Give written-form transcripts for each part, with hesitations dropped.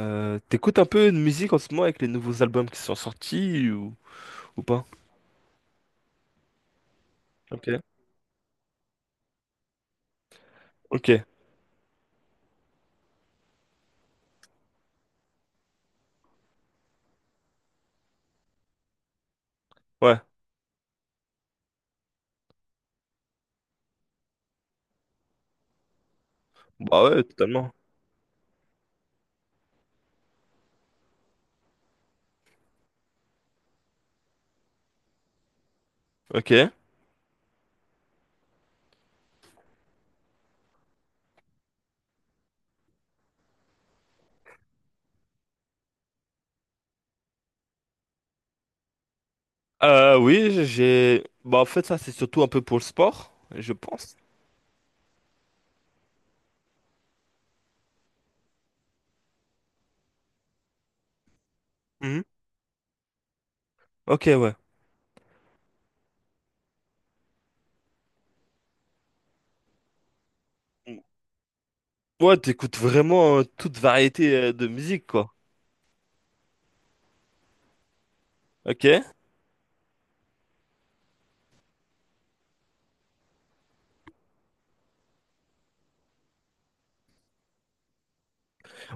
T'écoutes un peu de musique en ce moment avec les nouveaux albums qui sont sortis ou pas? Ok. Ok, ouais. Bah ouais, totalement. Ok. Oui, j'ai... Bah en fait, ça, c'est surtout un peu pour le sport, je pense. Mhm. Ok, ouais. Ouais, t'écoutes vraiment toute variété de musique, quoi. Ok.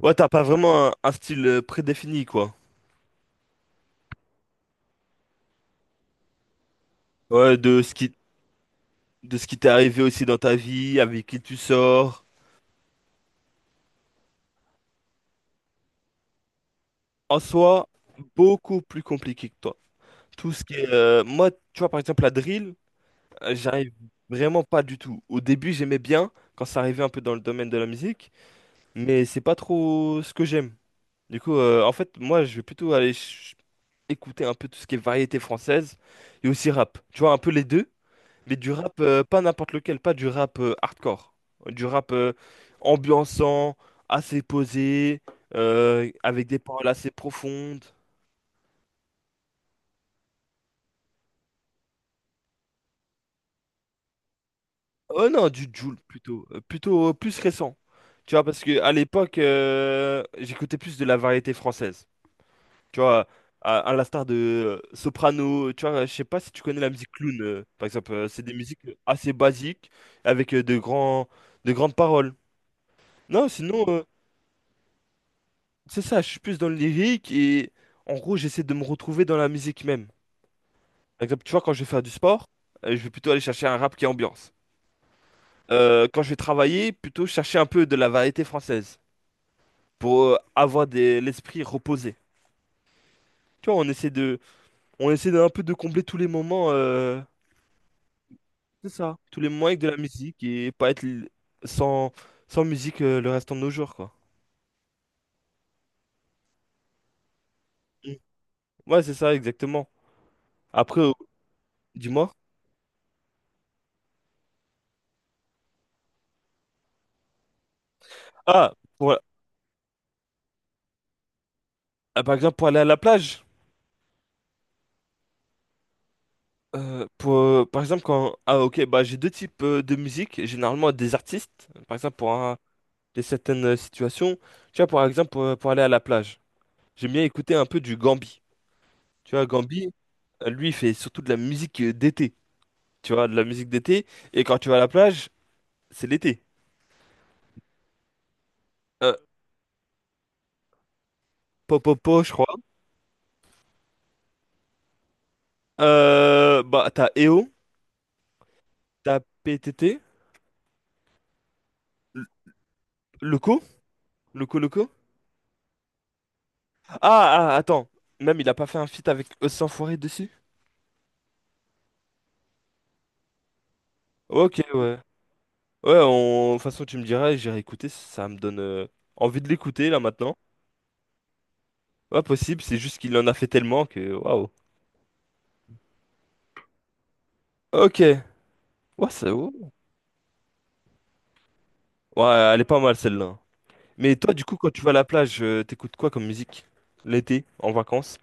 Ouais, t'as pas vraiment un style prédéfini, quoi. Ouais, de ce qui t'est arrivé aussi dans ta vie, avec qui tu sors. En soi, beaucoup plus compliqué que toi. Tout ce qui est, moi, tu vois, par exemple, la drill, j'arrive vraiment pas du tout. Au début, j'aimais bien quand ça arrivait un peu dans le domaine de la musique, mais c'est pas trop ce que j'aime. Du coup, en fait, moi, je vais plutôt écouter un peu tout ce qui est variété française et aussi rap. Tu vois, un peu les deux, mais du rap, pas n'importe lequel, pas du rap hardcore. Du rap ambiançant, assez posé, avec des paroles assez profondes. Oh non, du Joule plutôt. Plutôt plus récent. Tu vois, parce que à l'époque, j'écoutais plus de la variété française. Tu vois, à l'instar de Soprano. Tu vois, je sais pas si tu connais la musique clown, par exemple. C'est des musiques assez basiques avec de grandes paroles. Non, sinon, c'est ça. Je suis plus dans le lyrique et en gros, j'essaie de me retrouver dans la musique même. Par exemple, tu vois, quand je vais faire du sport, je vais plutôt aller chercher un rap qui est ambiance. Quand je vais travailler, plutôt chercher un peu de la variété française, pour l'esprit reposé. Tu vois, on essaie d'un peu de combler tous les moments, c'est ça, tous les moments avec de la musique et pas être l- sans, sans musique le restant de nos jours, quoi. Mm. Ouais, c'est ça, exactement. Après, dis-moi. Ah, pour- ah, par exemple, pour aller à la plage, pour, par exemple, quand, ah, ok, bah, j'ai deux types de musique, généralement des artistes, par exemple, des certaines situations. Tu vois, par exemple, pour aller à la plage, j'aime bien écouter un peu du Gambi. Tu vois, Gambi. Lui, il fait surtout de la musique d'été. Tu vois, de la musique d'été. Et quand tu vas à la plage, c'est l'été. Euh, Popopo, je crois. Bah, t'as EO, t'as PTT, L- Loco, Loco. Ah, Attends. Même, il a pas fait un feat avec Os Sans Foiret dessus? Ok, ouais. De toute façon, tu me diras, j'irai écouter. Ça me donne envie de l'écouter, là, maintenant. Ouais, possible. C'est juste qu'il en a fait tellement que... Waouh. Ok. Ouais, c'est... Ouais. Ouais, elle est pas mal, celle-là. Mais toi, du coup, quand tu vas à la plage, t'écoutes quoi comme musique? L'été, en vacances?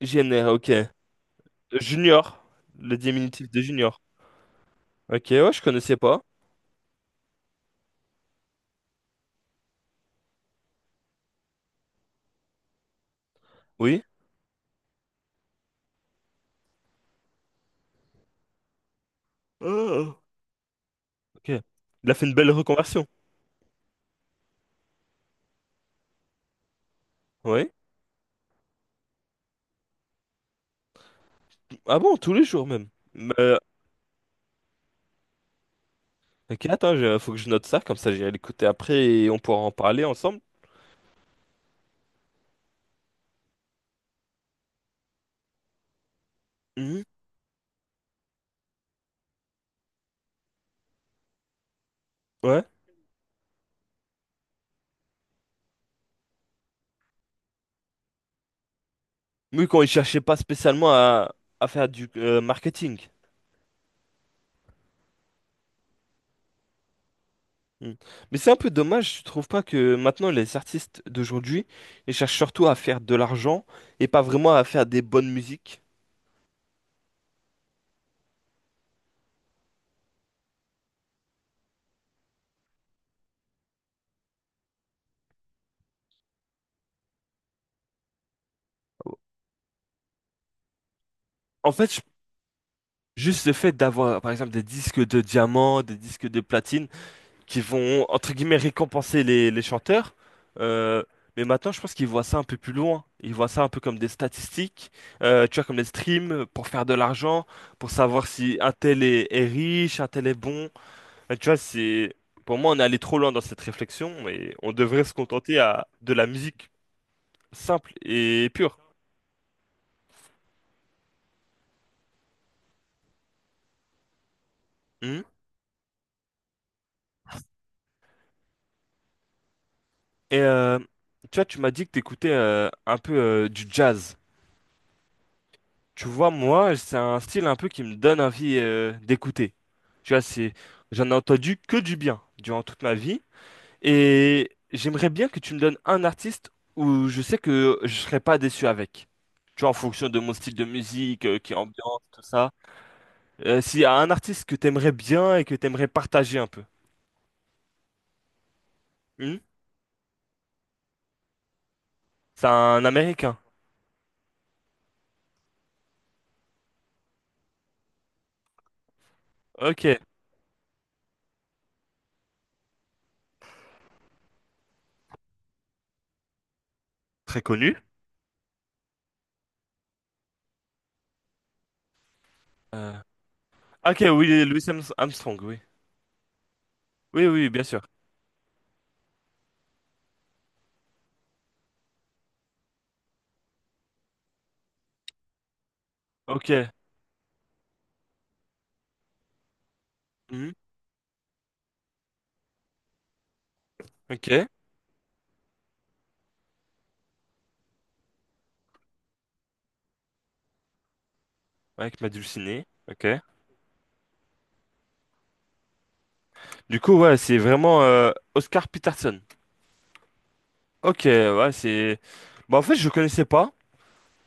JNR, ok. Junior, le diminutif de Junior. Ok, ouais, je connaissais pas. Oui. Ah, ok. Il a fait une belle reconversion. Oui. Ah bon, tous les jours même. Euh, ok, attends, faut que je note ça, comme ça j'irai l'écouter après et on pourra en parler ensemble. Mhm. Ouais. Oui, quand il cherchait pas spécialement à faire du marketing. Mm. Mais c'est un peu dommage, tu trouves pas que maintenant les artistes d'aujourd'hui, ils cherchent surtout à faire de l'argent et pas vraiment à faire des bonnes musiques. En fait, je- Juste le fait d'avoir, par exemple, des disques de diamant, des disques de platine, qui vont, entre guillemets, récompenser les chanteurs. euh, mais maintenant, je pense qu'ils voient ça un peu plus loin. Ils voient ça un peu comme des statistiques, tu vois, comme des streams pour faire de l'argent, pour savoir si un tel est riche, un tel est bon. Ah, tu vois, c'est pour moi, on est allé trop loin dans cette réflexion et on devrait se contenter à de la musique simple et pure. Mhm. Et tu vois, tu m'as dit que t'écoutais un peu du jazz. Tu vois, moi, c'est un style un peu qui me donne envie d'écouter. Tu vois, c'est J'en ai entendu que du bien durant toute ma vie et j'aimerais bien que tu me donnes un artiste où je sais que je serais pas déçu avec. Tu vois, en fonction de mon style de musique, qui ambiance, tout ça. S'il y a un artiste que t'aimerais bien et que t'aimerais partager un peu. Hmm. C'est un Américain. Ok. Très connu. Euh, Ok, oui, Louis Armstrong, oui. Oui, oui, bien sûr. Ok. Hmm. Ok. Avec ma dulcinée. Ok. Du coup, ouais, c'est vraiment Oscar Peterson. Ok, ouais, c'est... Bah, en fait, je connaissais pas.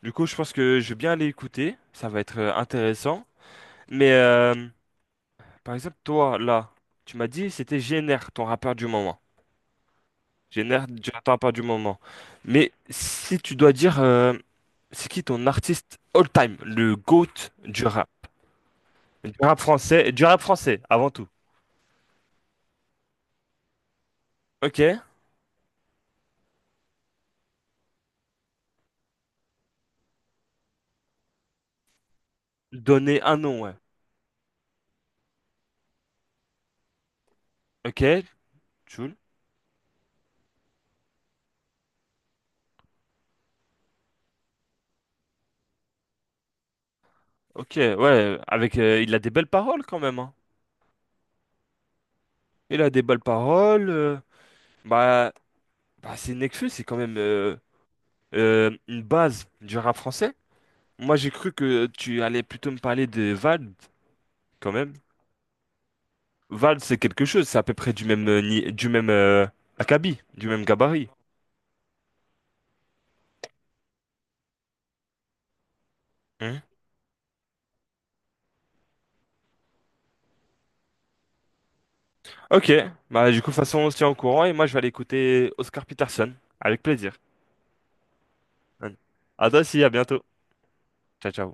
Du coup, je pense que je vais bien aller écouter. Ça va être intéressant. Mais, par exemple, toi, là, tu m'as dit, c'était GNR, ton rappeur du moment. J'ai l'air du temps, pas du moment. Mais si tu dois dire, c'est qui ton artiste all-time, le GOAT du rap? Du rap français, avant tout. Ok? Donner un nom, ouais. Ok? Jul. Ok, ouais, avec, il a des belles paroles quand même, hein. Il a des belles paroles. Bah, Bah c'est Nekfeu, c'est quand même une base du rap français. Moi, j'ai cru que tu allais plutôt me parler de Vald, quand même. Val, c'est quelque chose, c'est à peu près du même, du même acabit, du même gabarit. Hmm. Ok, bah du coup, de toute façon, on se tient au courant et moi, je vais aller écouter Oscar Peterson. Avec plaisir. À toi aussi, à bientôt. Ciao, ciao.